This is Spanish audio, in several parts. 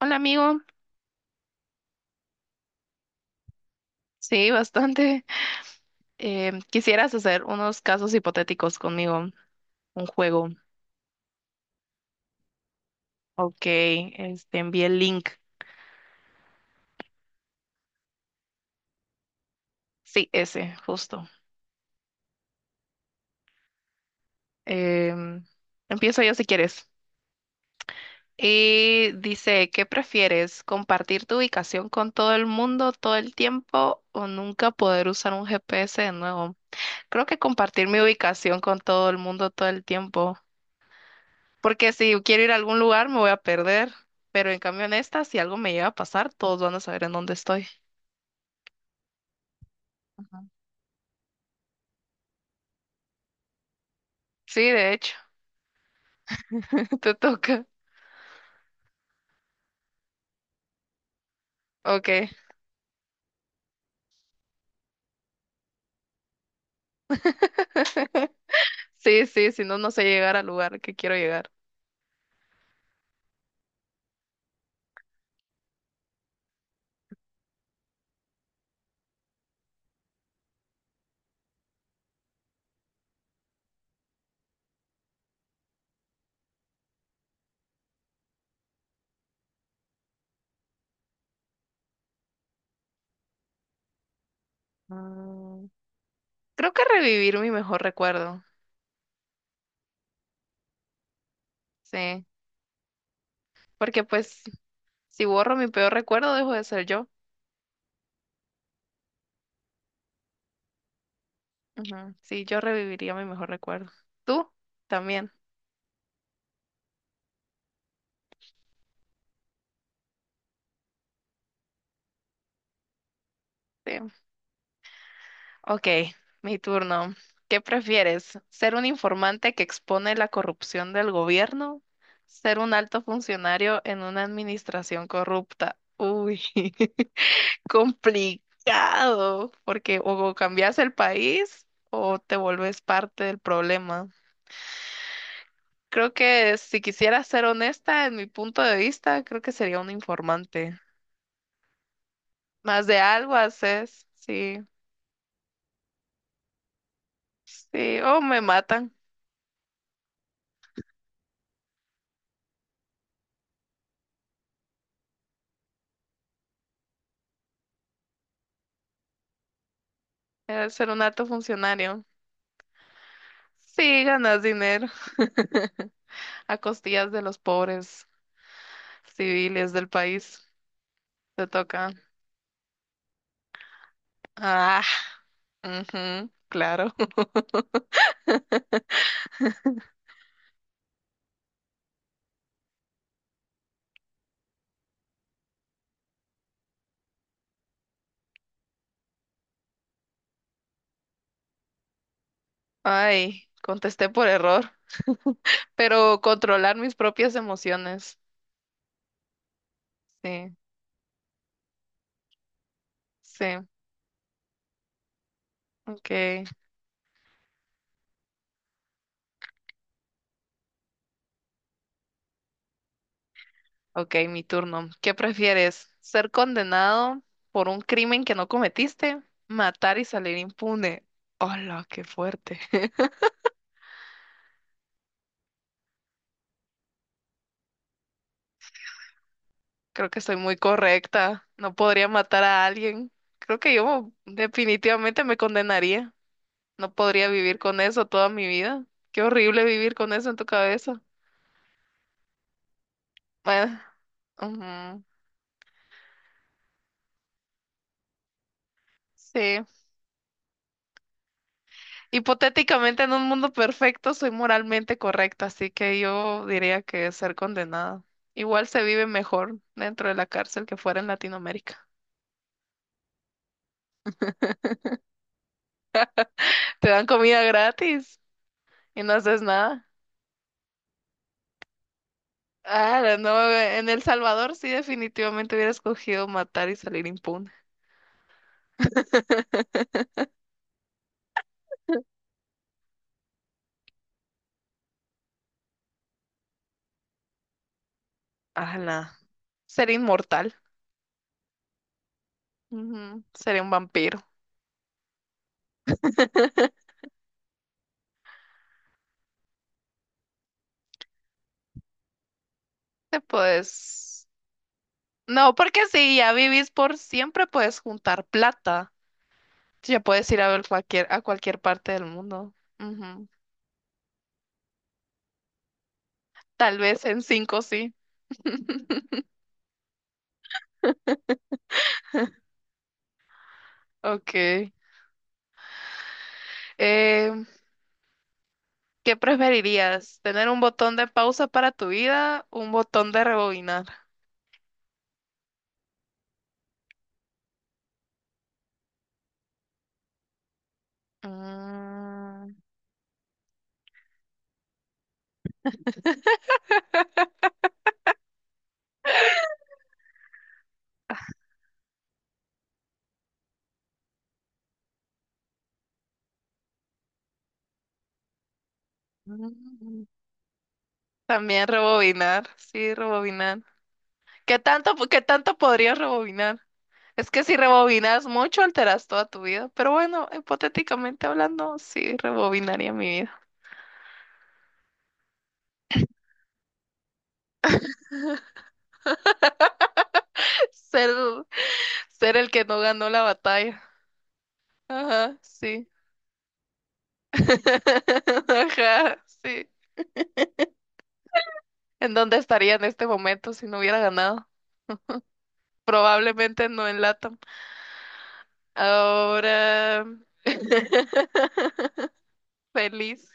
Hola amigo, sí, bastante. ¿Quisieras hacer unos casos hipotéticos conmigo? Un juego. Ok, este, envié el link. Sí, ese, justo. Em, Empiezo yo si quieres. Y dice, ¿qué prefieres? ¿Compartir tu ubicación con todo el mundo todo el tiempo o nunca poder usar un GPS de nuevo? Creo que compartir mi ubicación con todo el mundo todo el tiempo. Porque si yo quiero ir a algún lugar me voy a perder, pero en cambio en esta, si algo me llega a pasar, todos van a saber en dónde estoy. Sí, de hecho, te toca. Ok, sí, sí, si no, no sé llegar al lugar que quiero llegar. Mm, Creo que revivir mi mejor recuerdo, sí, porque pues si borro mi peor recuerdo, dejo de ser yo. Ujú, sí, yo reviviría mi mejor recuerdo. ¿Tú? También. Sí. Ok, mi turno. ¿Qué prefieres? ¿Ser un informante que expone la corrupción del gobierno? ¿Ser un alto funcionario en una administración corrupta? Uy, complicado, porque o cambias el país o te vuelves parte del problema. Creo que si quisiera ser honesta, en mi punto de vista, creo que sería un informante. Más de algo haces, sí, sí, o me matan, ser un alto funcionario. Sí, ganas dinero a costillas de los pobres civiles del país. Te toca. Ah, ujú, claro. Ay, contesté por error, pero controlar mis propias emociones. Sí, sí. Ok, ok, mi turno. ¿Qué prefieres? ¿Ser condenado por un crimen que no cometiste? ¿Matar y salir impune? Hola, qué fuerte. Creo que estoy muy correcta. No podría matar a alguien. Creo que yo definitivamente me condenaría. No podría vivir con eso toda mi vida. Qué horrible vivir con eso en tu cabeza. Bueno, ujú, sí. Hipotéticamente, en un mundo perfecto, soy moralmente correcta, así que yo diría que ser condenada. Igual se vive mejor dentro de la cárcel que fuera en Latinoamérica. Te dan comida gratis y no haces nada. Ah, no, en El Salvador sí definitivamente hubiera escogido matar y salir impune. Ala. Ser inmortal. Ujú, sería un vampiro. Te puedes... No, porque si ya vivís por siempre, puedes juntar plata. Ya puedes ir a ver cualquier, a cualquier parte del mundo. Ujú. Tal vez en cinco sí. Ok. Eh, ¿Qué preferirías? ¿Tener un botón de pausa para tu vida? ¿Un botón de rebobinar? Mm. mm, También rebobinar, sí, rebobinar. Qué tanto podrías rebobinar? Es que si rebobinas mucho, alteras toda tu vida. Pero bueno, hipotéticamente hablando, sí, rebobinaría mi vida. Ser, ser el que no ganó la batalla. Ajá, sí. Ajá, sí. ¿En dónde estaría en este momento si no hubiera ganado? Probablemente no en LATAM. Ahora, feliz.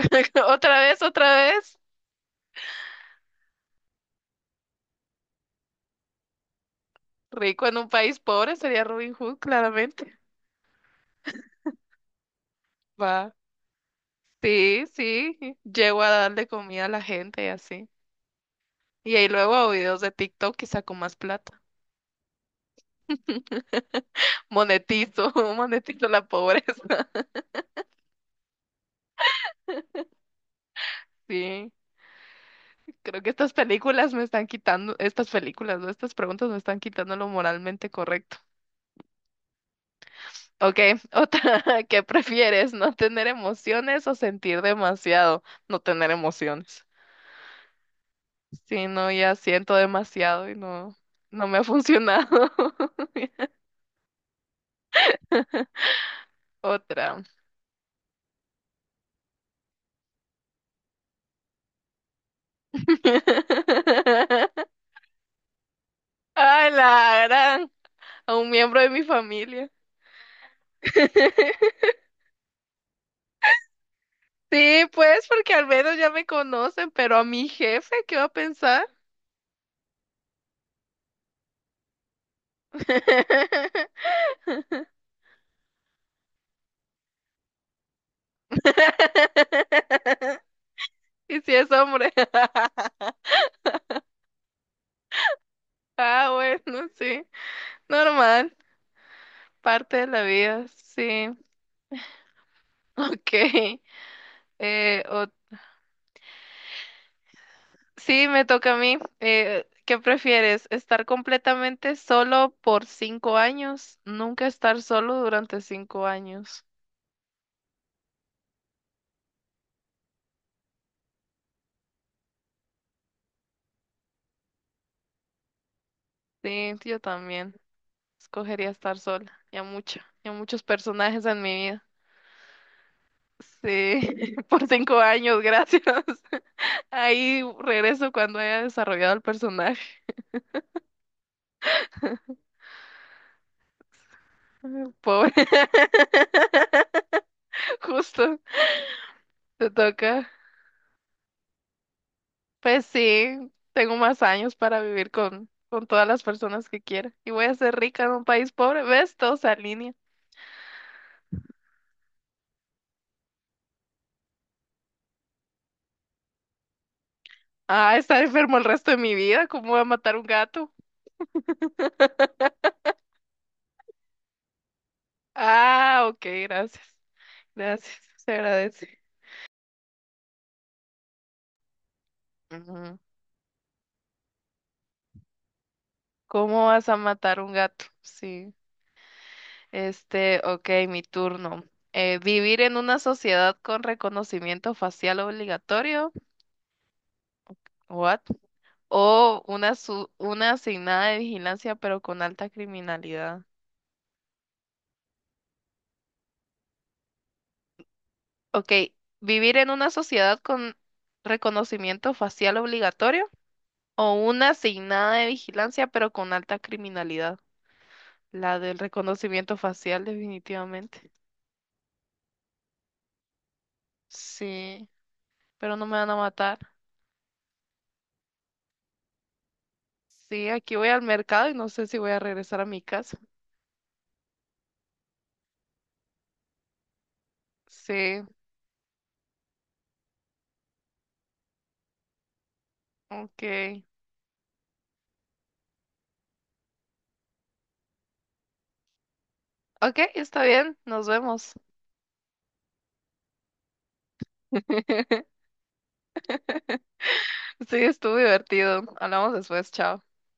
Otra vez, otra vez. Rico en un país pobre sería Robin Hood, claramente. Va. Sí, sí. Llego a darle comida a la gente y así. Y ahí luego a videos de TikTok y saco más plata. Monetizo, monetizo la pobreza. Sí. Creo que estas películas me están quitando, estas películas, ¿no? Estas preguntas me están quitando lo moralmente correcto. Ok, otra, ¿qué prefieres? ¿No tener emociones o sentir demasiado? No tener emociones. Sí, no, ya siento demasiado y no, no me ha funcionado. Otra. Ay, la gran. A un miembro de mi familia. Sí, pues, porque al menos ya me conocen, pero a mi jefe, ¿qué va a pensar? Y si es hombre. Ah, bueno, sí. Normal. Parte de la vida, sí. Ok. Eh, sí, me toca a mí. ¿Qué prefieres? ¿Estar completamente solo por cinco años? Nunca estar solo durante cinco años. Sí, yo también. Escogería estar sola. Ya mucho, ya muchos personajes en mi vida. Sí, por cinco años, gracias. Ahí regreso cuando haya desarrollado el personaje. Pobre, justo, te toca. Pues sí, tengo más años para vivir con todas las personas que quiera. Y voy a ser rica en un país pobre. ¿Ves? Todo se alinea. Ah, estar enfermo el resto de mi vida. ¿Cómo voy a matar un gato? Ah, ok, gracias. Gracias, se agradece. Ujú. ¿Cómo vas a matar un gato? Sí. Este, ok, mi turno. ¿Vivir en una sociedad con reconocimiento facial obligatorio? What? O una, su- una asignada de vigilancia, pero con alta criminalidad. Ok, vivir en una sociedad con reconocimiento facial obligatorio o una asignada de vigilancia, pero con alta criminalidad. La del reconocimiento facial, definitivamente. Sí, pero no me van a matar. Sí, aquí voy al mercado y no sé si voy a regresar a mi casa. Sí, ok. Ok, está bien, nos vemos. Sí, estuvo divertido. Hablamos después, chao.